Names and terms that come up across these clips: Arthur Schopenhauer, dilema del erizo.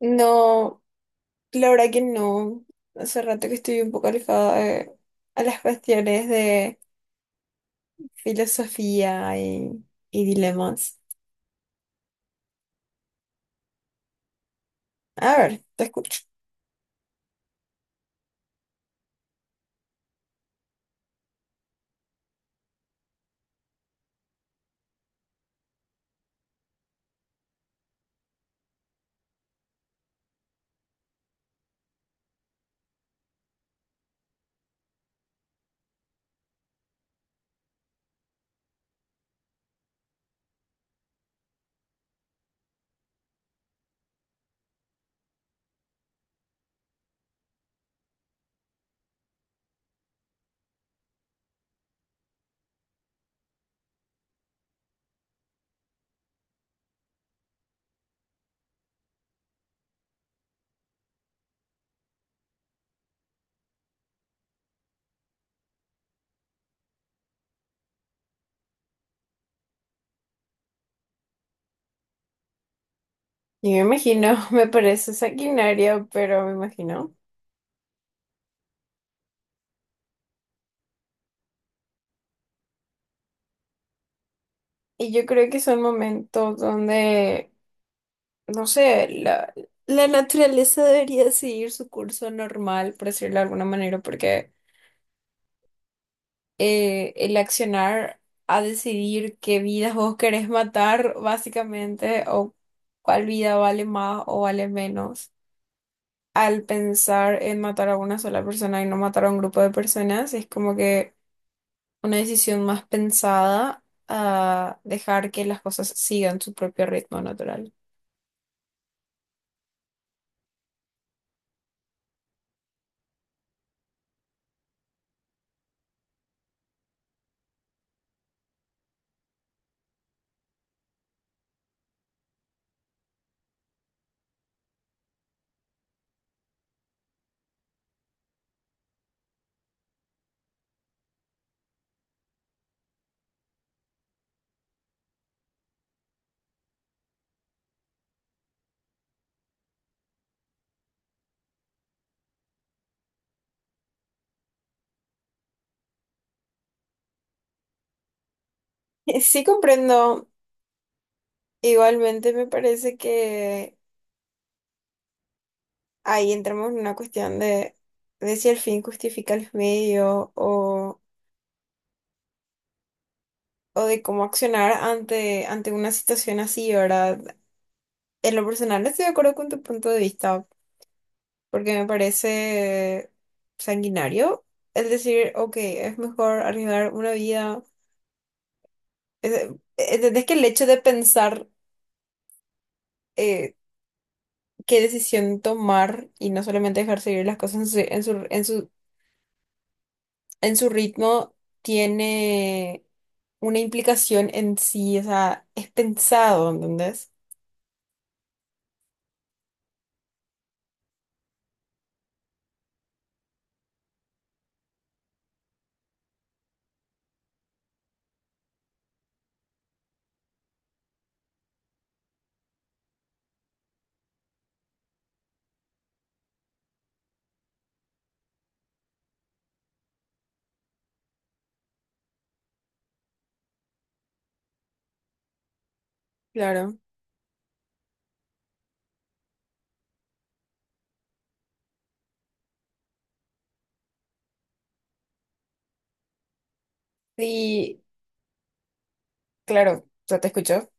No, la verdad que no. Hace rato que estoy un poco alejada de- a las cuestiones de filosofía y dilemas. A ver, te escucho. Yo me imagino, me parece sanguinario, pero me imagino. Y yo creo que son momentos donde, no sé, la naturaleza debería seguir su curso normal, por decirlo de alguna manera, porque el accionar a decidir qué vidas vos querés matar, básicamente, o cuál vida vale más o vale menos. Al pensar en matar a una sola persona y no matar a un grupo de personas, es como que una decisión más pensada a dejar que las cosas sigan su propio ritmo natural. Sí, comprendo, igualmente me parece que ahí entramos en una cuestión de si el fin justifica los medios o de cómo accionar ante una situación así, ¿verdad? En lo personal estoy de acuerdo con tu punto de vista, porque me parece sanguinario el decir, ok, es mejor arriesgar una vida. Es- ¿Entendés que el hecho de pensar eh, qué decisión tomar y no solamente dejar seguir las cosas en su, en su ritmo tiene una implicación en sí? O sea, es pensado, ¿entendés? Claro. Sí. Claro, ya te escucho.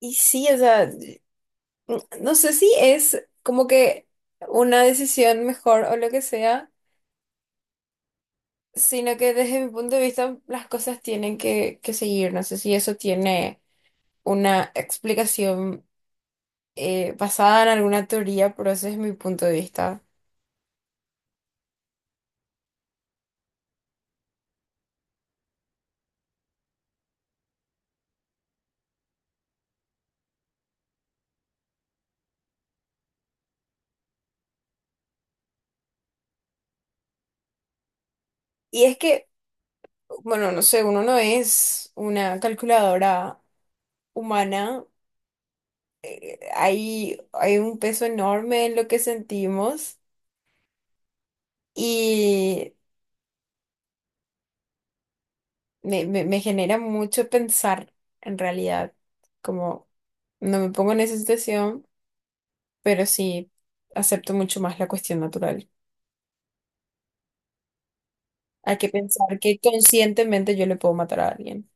Y sí, o sea, n- no sé si es como que una decisión mejor o lo que sea, sino que desde mi punto de vista las cosas tienen que seguir. No sé si eso tiene una explicación basada en alguna teoría, pero ese es mi punto de vista. Y es que bueno, no sé, uno no es una calculadora humana. Hay un peso enorme en lo que sentimos y me genera mucho pensar en realidad. Como no me pongo en esa situación, pero sí acepto mucho más la cuestión natural. Hay que pensar que conscientemente yo le puedo matar a alguien.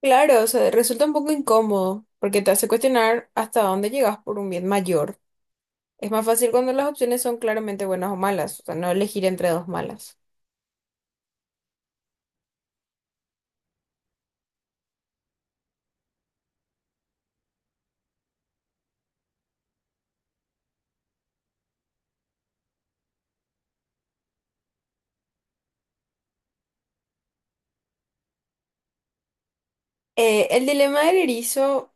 Claro, o sea, resulta un poco incómodo porque te hace cuestionar hasta dónde llegas por un bien mayor. Es más fácil cuando las opciones son claramente buenas o malas, o sea, no elegir entre dos malas. El dilema del erizo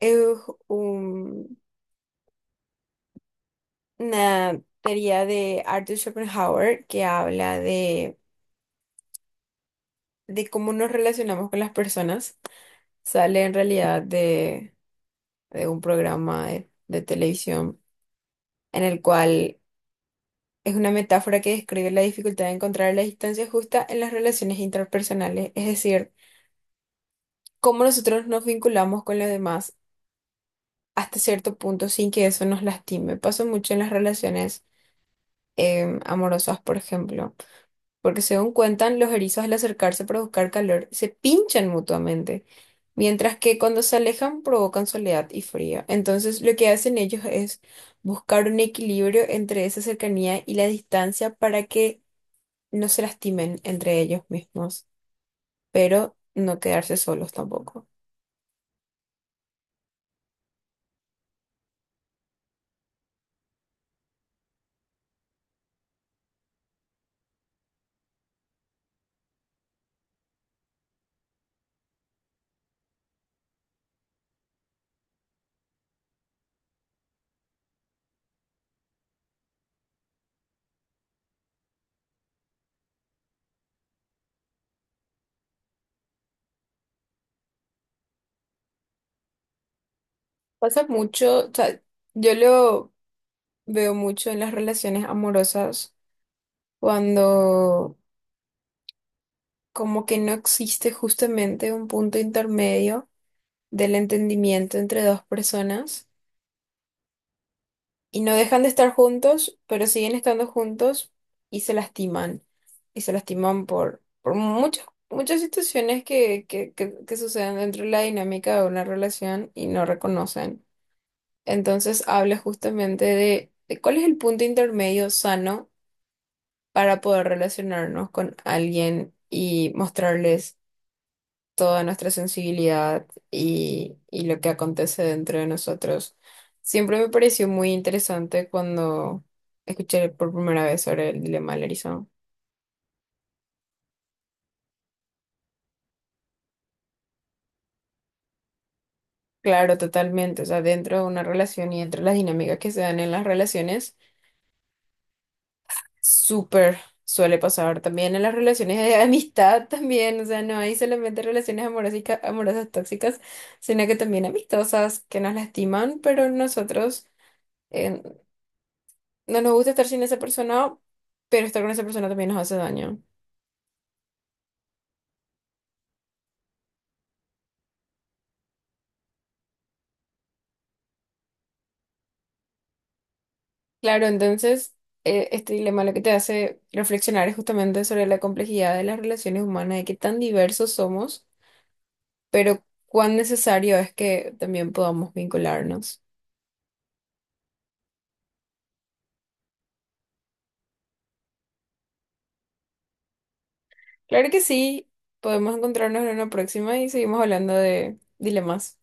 es un- una teoría de Arthur Schopenhauer que habla de cómo nos relacionamos con las personas. Sale en realidad de un programa de televisión en el cual es una metáfora que describe la dificultad de encontrar la distancia justa en las relaciones interpersonales, es decir, cómo nosotros nos vinculamos con los demás hasta cierto punto sin que eso nos lastime. Pasa mucho en las relaciones amorosas, por ejemplo, porque según cuentan, los erizos al acercarse para buscar calor se pinchan mutuamente, mientras que cuando se alejan provocan soledad y frío. Entonces, lo que hacen ellos es buscar un equilibrio entre esa cercanía y la distancia para que no se lastimen entre ellos mismos, pero no quedarse solos tampoco. Pasa mucho, o sea, yo lo veo mucho en las relaciones amorosas cuando como que no existe justamente un punto intermedio del entendimiento entre dos personas y no dejan de estar juntos, pero siguen estando juntos y se lastiman. Y se lastiman por muchas, muchas situaciones que suceden dentro de la dinámica de una relación y no reconocen. Entonces habla justamente de cuál es el punto intermedio sano para poder relacionarnos con alguien y mostrarles toda nuestra sensibilidad y lo que acontece dentro de nosotros. Siempre me pareció muy interesante cuando escuché por primera vez sobre el dilema del erizo. Claro, totalmente. O sea, dentro de una relación y entre las dinámicas que se dan en las relaciones, súper suele pasar también en las relaciones de amistad también. O sea, no hay solamente relaciones amorosas, amorosas tóxicas, sino que también amistosas que nos lastiman, pero nosotros eh, no nos gusta estar sin esa persona, pero estar con esa persona también nos hace daño. Claro, entonces, este dilema lo que te hace reflexionar es justamente sobre la complejidad de las relaciones humanas, de qué tan diversos somos, pero cuán necesario es que también podamos vincularnos. Claro que sí, podemos encontrarnos en una próxima y seguimos hablando de dilemas.